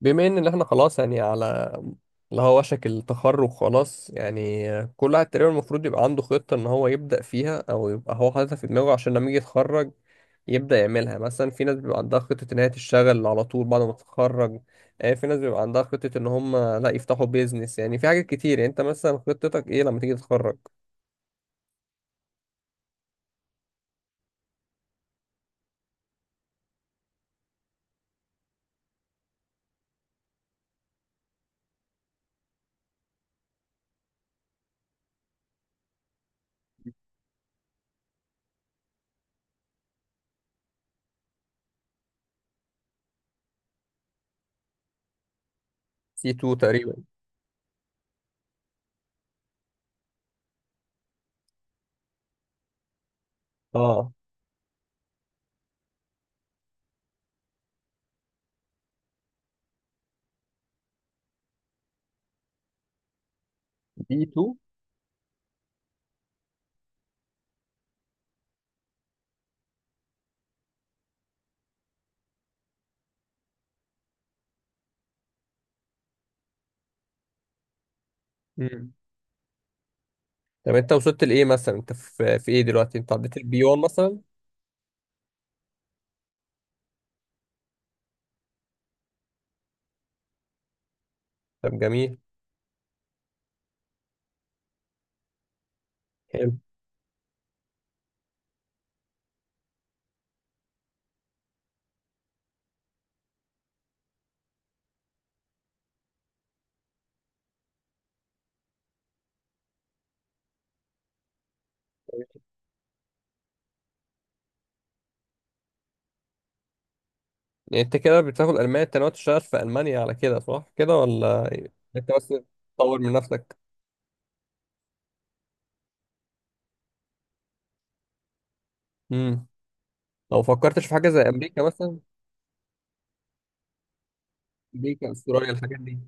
بما ان احنا خلاص يعني على اللي هو وشك التخرج، خلاص يعني كل واحد تقريبا المفروض يبقى عنده خطة ان هو يبدأ فيها او يبقى هو حاططها في دماغه عشان لما يجي يتخرج يبدأ يعملها. مثلا في ناس بيبقى عندها خطة ان هي تشتغل على طول بعد ما تتخرج. في ناس بيبقى عندها خطة ان هم لا يفتحوا بيزنس، يعني في حاجات كتير. يعني انت مثلا خطتك ايه لما تيجي تتخرج؟ سي 2 تقريبا. اه، بي 2. امم. طب انت وصلت لايه مثلا؟ انت في ايه دلوقتي؟ انت عديت البي 1 مثلا؟ طب جميل. حلو. يعني انت كده بتاخد الماني، انت ناوي تشتغل في المانيا على كده، صح كده ولا انت بس تطور من نفسك؟ امم. لو فكرتش في حاجه زي امريكا مثلا؟ امريكا، استراليا، الحاجات دي؟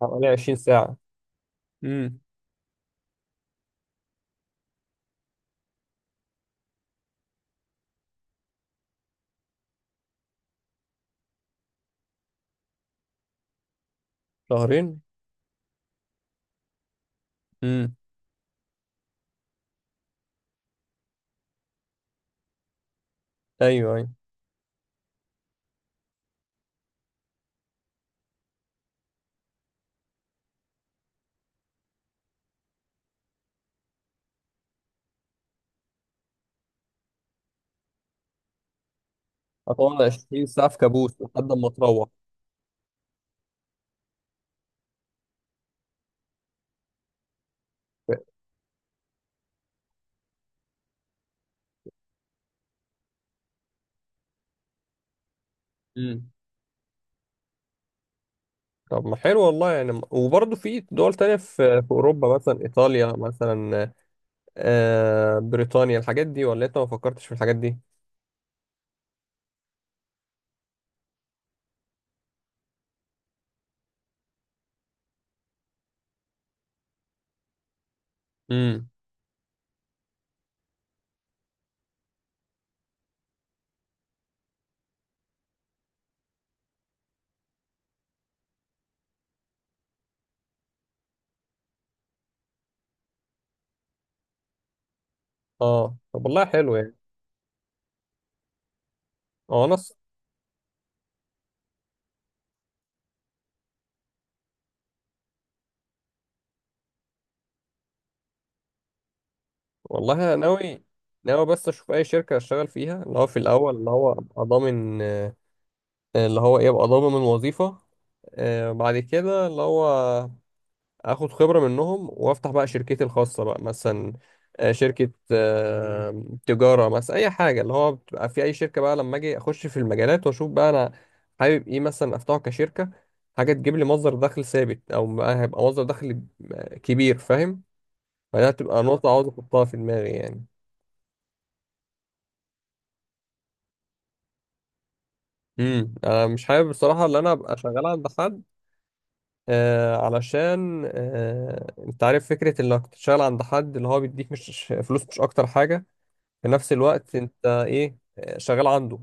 حوالي 20 ساعه. امم. شهرين. امم. ايوه، ايوه. هتقعد 20 ساعه في كابوس لحد ما تروح. امم. طب ما حلو والله يعني، وبرضه في دول تانية في أوروبا، مثلا إيطاليا مثلا، بريطانيا، الحاجات دي، ولا أنت ما فكرتش في الحاجات دي؟ امم. اه، طب والله حلو يعني. هو أنا والله انا ناوي. ناوي بس اشوف اي شركه اشتغل فيها، اللي هو في الاول اللي هو ابقى ضامن، اللي هو ايه ابقى ضامن وظيفه. بعد كده اللي هو اخد خبره منهم، وافتح بقى شركتي الخاصه بقى مثلا، شركه، تجاره مثلا، اي حاجه اللي هو بتبقى في اي شركه. بقى لما اجي اخش في المجالات واشوف بقى انا حابب ايه مثلا افتحه كشركه، حاجه تجيب لي مصدر دخل ثابت، او بقى هيبقى مصدر دخل كبير، فاهم؟ فده هتبقى نقطه عاوز احطها في دماغي يعني. امم. انا مش حابب بصراحه ان انا ابقى شغال عند حد، علشان انت عارف فكره انك تشتغل عند حد، اللي هو بيديك مش فلوس، مش اكتر حاجه في نفس الوقت انت ايه شغال عنده.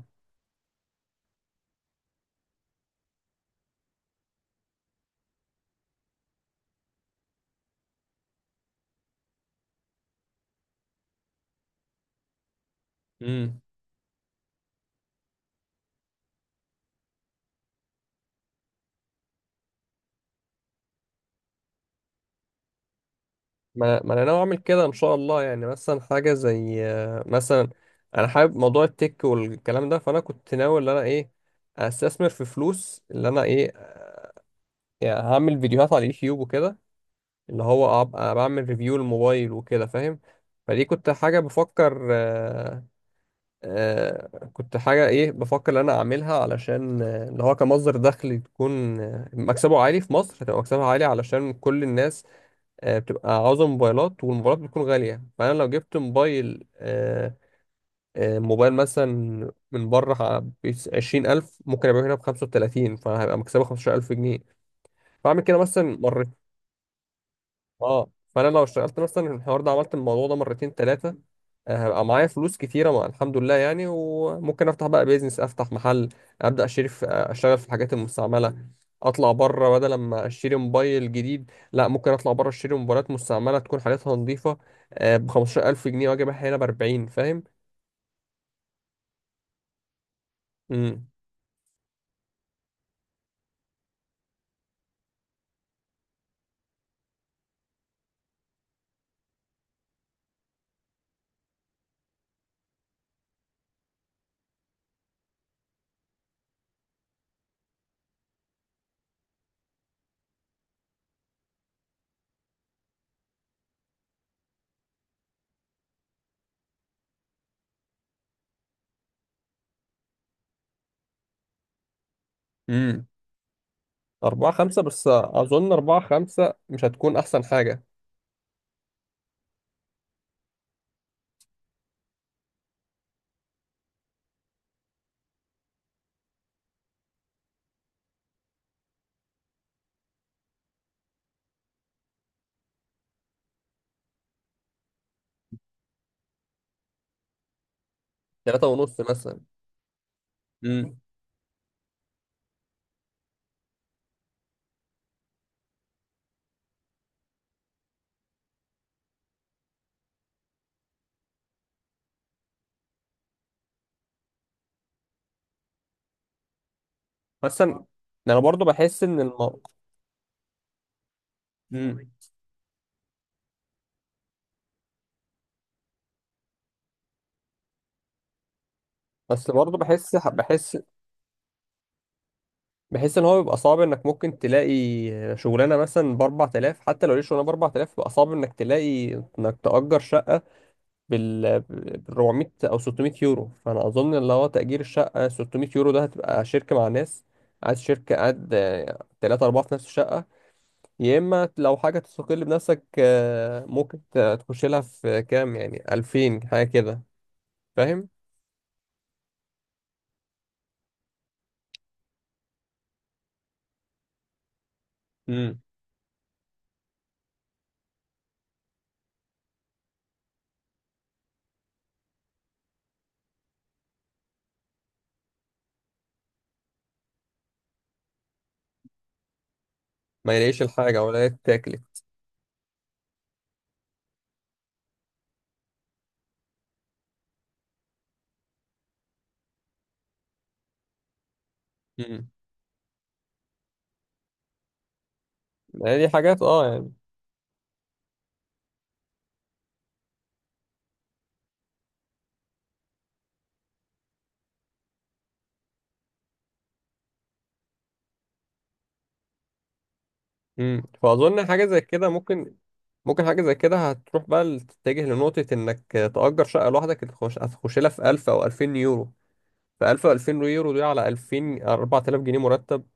امم. ما انا ناوي اعمل كده ان شاء الله يعني. مثلا حاجه زي مثلا، انا حابب موضوع التك والكلام ده، فانا كنت ناوي ان انا ايه استثمر في فلوس اللي انا ايه، يعني هعمل فيديوهات على اليوتيوب وكده، اللي هو ابقى بعمل ريفيو الموبايل وكده، فاهم؟ فدي كنت حاجة بفكر كنت حاجة ايه بفكر ان انا اعملها، علشان اللي هو كمصدر دخل، تكون مكسبه عالي في مصر، هتبقى مكسبها عالي علشان كل الناس بتبقى عاوزة موبايلات، والموبايلات بتكون غالية. فانا لو جبت موبايل موبايل مثلا من بره بعشرين ألف، ممكن أبيعه هنا بخمسة وتلاتين، فهيبقى مكسبه خمستاشر ألف جنيه. فأعمل كده مثلا. اه، فانا لو اشتغلت مثلا الحوار ده، عملت الموضوع ده مرتين ثلاثه، هبقى معايا فلوس كتيره مع الحمد لله يعني، وممكن افتح بقى بيزنس، افتح محل، ابدا اشتري في، اشتغل في الحاجات المستعمله. اطلع بره بدل ما اشتري موبايل جديد، لا ممكن اطلع بره اشتري موبايلات مستعمله تكون حالتها نظيفه ب 15000 جنيه، واجي ابيعها هنا ب 40، فاهم؟ امم، امم. 4، 5. بس اظن 4، 5 مش هتكون احسن حاجه. 3 ونص مثلا. امم. مثلا انا برضو بحس ان الموضوع، بس برضه بحس ان هو بيبقى صعب انك ممكن تلاقي شغلانه مثلا ب 4000، حتى لو ليش شغلانه ب 4000 بيبقى صعب انك تلاقي انك تأجر شقه بال بال 400 او 600 يورو. فانا اظن اللي هو تأجير الشقه 600 يورو ده هتبقى شركه مع ناس، قاعد شركه، قاعد ثلاثة أربعة في نفس الشقة. يا إما لو حاجة تستقل بنفسك، ممكن تخش لها في كام، يعني 2000 حاجة كده، فاهم؟ مم. ما يلاقيش الحاجة ولا تاكل. مم. يعني دي حاجات يعني. امم، فاظن حاجه زي كده ممكن. ممكن حاجه زي كده هتروح بقى تتجه لنقطه انك تأجر شقه لوحدك، هتخش لها في 1000 او 2000 يورو. ف 1000 او 2000 يورو دي، على 2000، 4000 جنيه مرتب.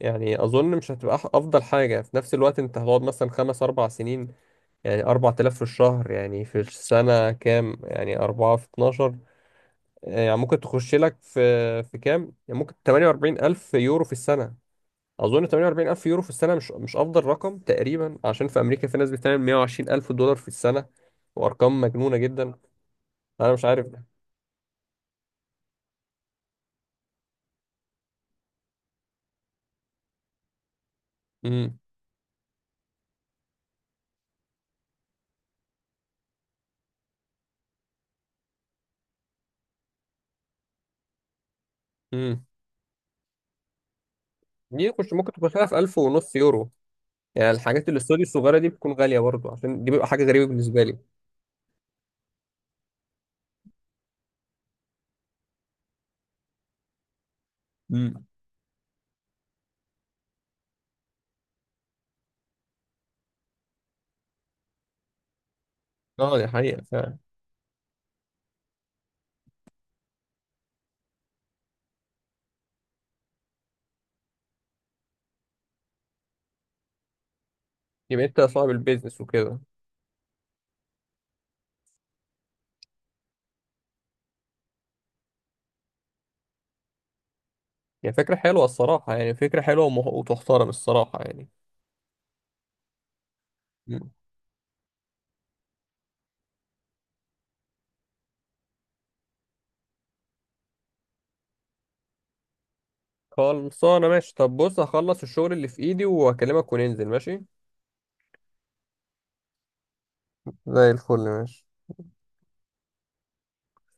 يعني اظن مش هتبقى افضل حاجه في نفس الوقت، انت هتقعد مثلا خمس اربع سنين، يعني 4000 في الشهر، يعني في السنه كام؟ يعني 4 في 12، يعني ممكن تخش لك في كام، يعني ممكن 48000 يورو في السنه. اظن 48 الف يورو في السنه مش افضل رقم تقريبا، عشان في امريكا في ناس بتعمل 120 الف دولار في السنه، وارقام مجنونه جدا. انا مش عارف ده. امم، امم. دي مش ممكن تكون خلال في 1000 ونص يورو؟ يعني الحاجات الاستوديو الصغيره دي بتكون غاليه برضه؟ عشان دي بيبقى حاجه غريبه بالنسبه لي. امم. اه، دي حقيقه فعلا. يبقى انت صاحب البيزنس وكده. يعني فكره حلوه الصراحه، يعني فكره حلوه وتحترم الصراحه يعني. مم. خلصانه ماشي. طب بص، هخلص الشغل اللي في ايدي واكلمك وننزل، ماشي. زي الفل، ماشي.